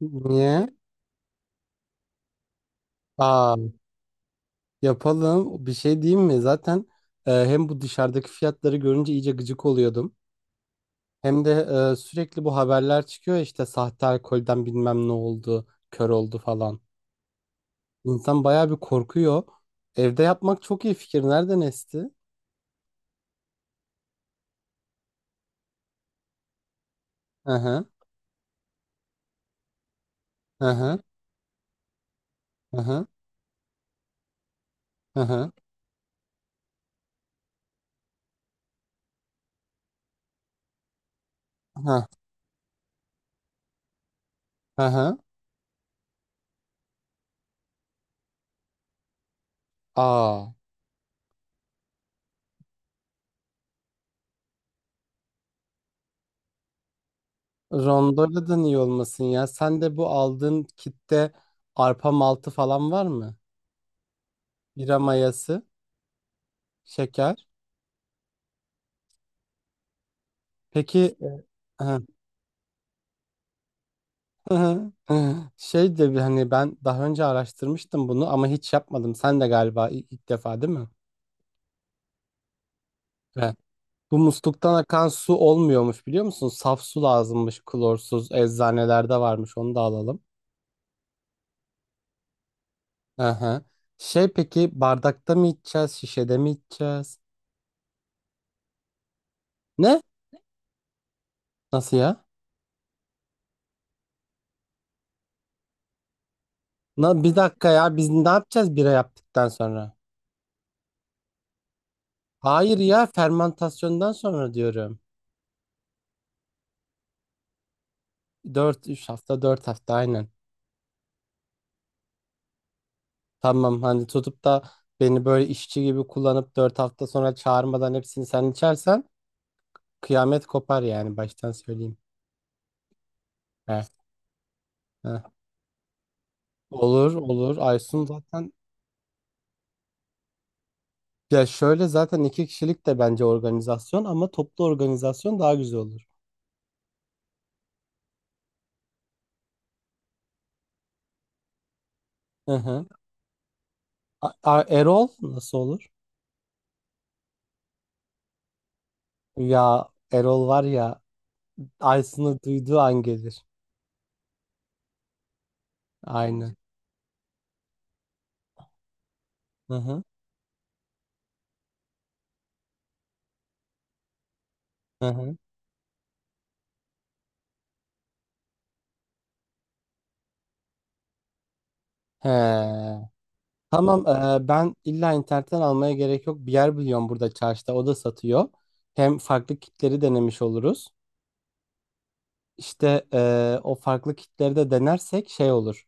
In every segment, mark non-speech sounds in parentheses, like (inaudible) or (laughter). Niye? Aa, yapalım. Bir şey diyeyim mi? Zaten hem bu dışarıdaki fiyatları görünce iyice gıcık oluyordum. Hem de sürekli bu haberler çıkıyor ya işte sahte alkolden bilmem ne oldu, kör oldu falan. İnsan bayağı bir korkuyor. Evde yapmak çok iyi fikir. Nereden esti? Hı hı. Hı hı. Hı hı. Hı hı. Hı hı. Hı. Aa. Rondoladan iyi olmasın ya. Sen de bu aldığın kitte arpa maltı falan var mı? Bira mayası, şeker. Peki e, (laughs) şey de bir hani ben daha önce araştırmıştım bunu ama hiç yapmadım. Sen de galiba ilk defa değil mi? Evet. Bu musluktan akan su olmuyormuş biliyor musun? Saf su lazımmış, klorsuz, eczanelerde varmış, onu da alalım. Aha. Şey, peki bardakta mı içeceğiz, şişede mi içeceğiz? Ne? Nasıl ya? Na, bir dakika ya, biz ne yapacağız bira yaptıktan sonra? Hayır ya, fermentasyondan sonra diyorum. Dört, üç hafta, 4 hafta, aynen. Tamam, hani tutup da beni böyle işçi gibi kullanıp 4 hafta sonra çağırmadan hepsini sen içersen kıyamet kopar, yani baştan söyleyeyim. Heh, heh. Olur olur, Aysun zaten, ya şöyle, zaten iki kişilik de bence organizasyon ama toplu organizasyon daha güzel olur. Hı hı. A- A- Erol nasıl olur? Ya Erol var ya, Aysun'u duyduğu an gelir. Aynen. Hı hı. Hı hı. He. Tamam, ben illa internetten almaya gerek yok. Bir yer biliyorum burada çarşıda, o da satıyor. Hem farklı kitleri denemiş oluruz. İşte o farklı kitleri de denersek şey olur.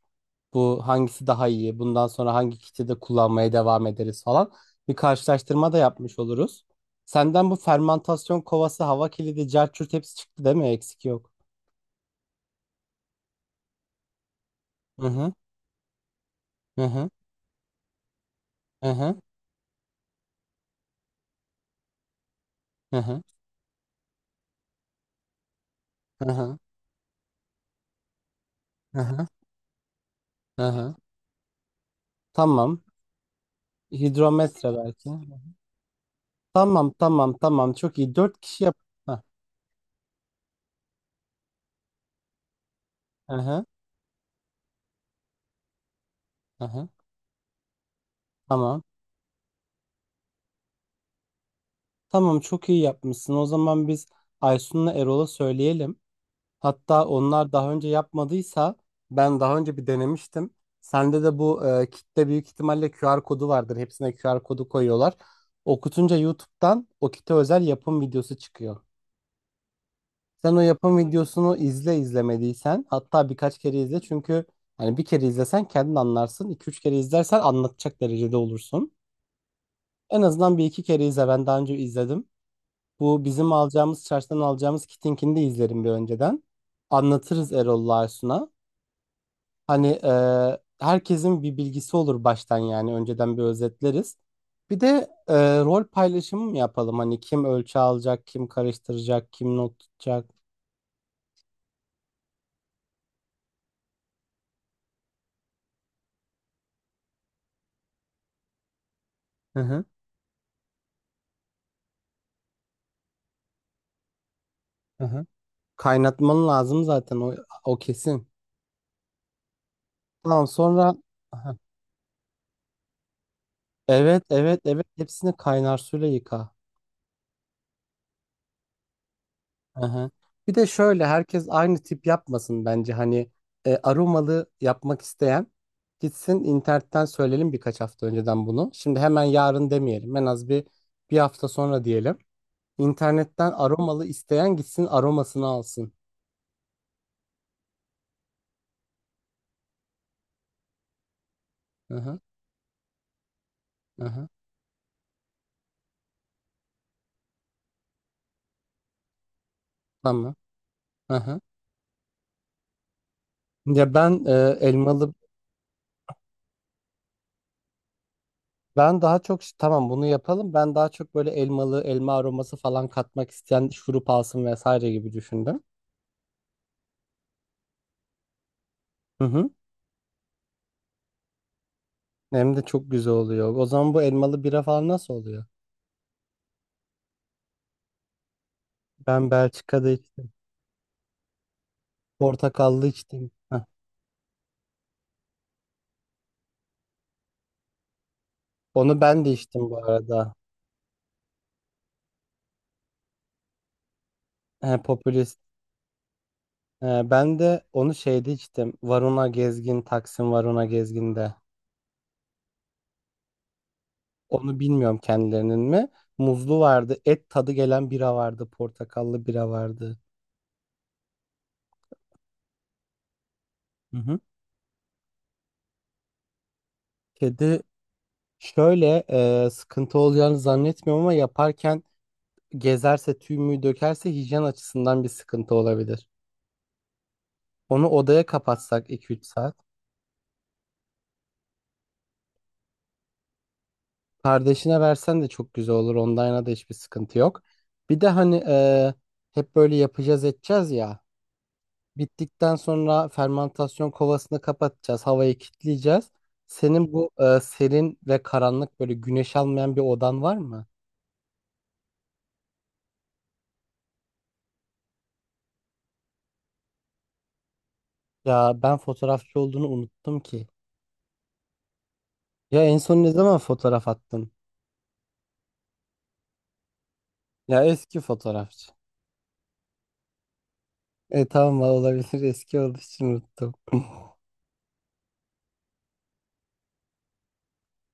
Bu hangisi daha iyi? Bundan sonra hangi kiti de kullanmaya devam ederiz falan. Bir karşılaştırma da yapmış oluruz. Senden bu fermantasyon kovası, hava kilidi, carçurt, hepsi çıktı değil mi? Eksik yok. Hı hı, hı hı, hı hı, hı hı, hı hı, hı. Hı hı. Tamam. Hidrometre belki. Tamam tamam tamam, çok iyi. Dört kişi yap. Heh. Aha, aha, tamam. Tamam, çok iyi yapmışsın. O zaman biz Aysun'la Erol'a söyleyelim. Hatta onlar daha önce yapmadıysa, ben daha önce bir denemiştim. Sende de bu kitle büyük ihtimalle QR kodu vardır. Hepsine QR kodu koyuyorlar. Okutunca YouTube'dan o kite özel yapım videosu çıkıyor. Sen o yapım videosunu izle, izlemediysen hatta birkaç kere izle, çünkü hani bir kere izlesen kendin anlarsın. İki üç kere izlersen anlatacak derecede olursun. En azından bir iki kere izle. Ben daha önce izledim. Bu bizim alacağımız, çarşıdan alacağımız Kitink'ini de izlerim bir önceden. Anlatırız Erol'la Aysun'a. Hani herkesin bir bilgisi olur baştan yani. Önceden bir özetleriz. Bir de rol paylaşımı mı yapalım? Hani kim ölçü alacak, kim karıştıracak, kim not tutacak. Hı hı. Hı hı. Kaynatman lazım zaten o kesin. Tamam sonra... Aha. Evet, evet, evet. Hepsini kaynar suyla yıka. Aha. Bir de şöyle, herkes aynı tip yapmasın bence. Hani aromalı yapmak isteyen gitsin internetten, söyleyelim birkaç hafta önceden bunu. Şimdi hemen yarın demeyelim, en az bir hafta sonra diyelim. İnternetten aromalı isteyen gitsin aromasını alsın. Aha, aha, tamam. Aha. Ya ben elmalı, ben daha çok, tamam bunu yapalım, ben daha çok böyle elmalı, elma aroması falan katmak isteyen şurup alsın vesaire gibi düşündüm. Hı hı. Hem de çok güzel oluyor. O zaman bu elmalı bira falan nasıl oluyor? Ben Belçika'da içtim. Portakallı içtim. Heh. Onu ben de içtim bu arada. He, popülist. He, ben de onu şeyde içtim. Varuna Gezgin, Taksim Varuna Gezgin'de. Onu bilmiyorum kendilerinin mi. Muzlu vardı. Et tadı gelen bira vardı. Portakallı bira vardı. Hı hı. Kedi şöyle, sıkıntı olacağını zannetmiyorum ama yaparken gezerse, tüy mü dökerse, hijyen açısından bir sıkıntı olabilir. Onu odaya kapatsak iki üç saat. Kardeşine versen de çok güzel olur. Online'a da hiçbir sıkıntı yok. Bir de hani hep böyle yapacağız edeceğiz ya. Bittikten sonra fermantasyon kovasını kapatacağız. Havayı kilitleyeceğiz. Senin bu serin ve karanlık, böyle güneş almayan bir odan var mı? Ya ben fotoğrafçı olduğunu unuttum ki. Ya en son ne zaman fotoğraf attın? Ya eski fotoğrafçı. E tamam, olabilir (laughs) eski olduğu için unuttum.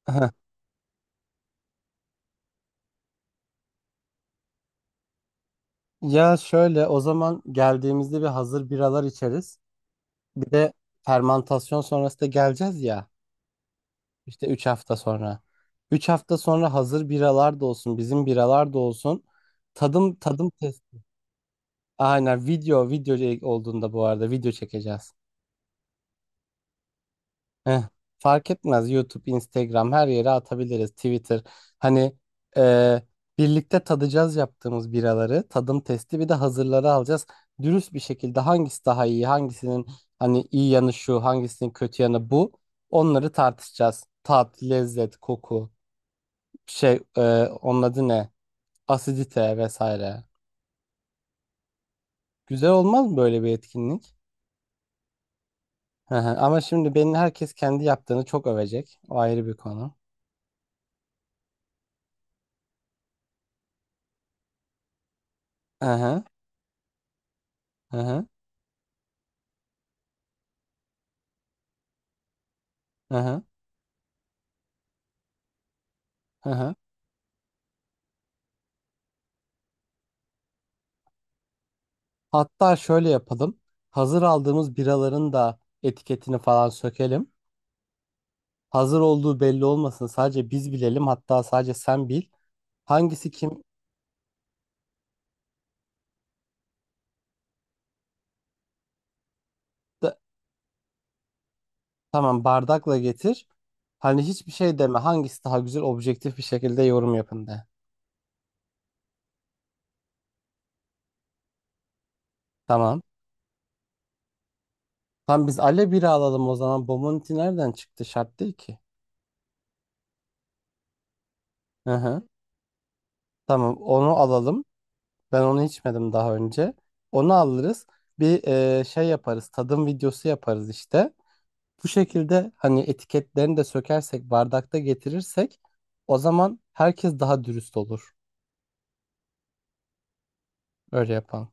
(laughs) Ya şöyle, o zaman geldiğimizde bir hazır biralar içeriz. Bir de fermantasyon sonrası da geleceğiz ya, işte 3 hafta sonra. 3 hafta sonra hazır biralar da olsun, bizim biralar da olsun. Tadım, tadım testi. Aynen, video olduğunda bu arada, video çekeceğiz. Eh, fark etmez. YouTube, Instagram, her yere atabiliriz. Twitter. Hani e, birlikte tadacağız yaptığımız biraları. Tadım testi, bir de hazırları alacağız. Dürüst bir şekilde hangisi daha iyi, hangisinin hani iyi yanı şu, hangisinin kötü yanı bu. Onları tartışacağız. Tat, lezzet, koku, şey, onun adı ne? Asidite vesaire. Güzel olmaz mı böyle bir etkinlik? Hı hı. Ama şimdi benim herkes kendi yaptığını çok övecek. O ayrı bir konu. Hı hı. Hı hı. Hı hı. Hı hı. Hatta şöyle yapalım. Hazır aldığımız biraların da etiketini falan sökelim. Hazır olduğu belli olmasın. Sadece biz bilelim. Hatta sadece sen bil. Hangisi kim? Da- tamam, bardakla getir. Hani hiçbir şey deme. Hangisi daha güzel, objektif bir şekilde yorum yapın de. Tamam. Tamam, biz Ale bira alalım o zaman. Bomonti nereden çıktı? Şart değil ki. Hı hı. Tamam, onu alalım. Ben onu içmedim daha önce. Onu alırız. Bir şey yaparız. Tadım videosu yaparız işte. Bu şekilde hani etiketlerini de sökersek, bardakta getirirsek o zaman herkes daha dürüst olur. Öyle yapan.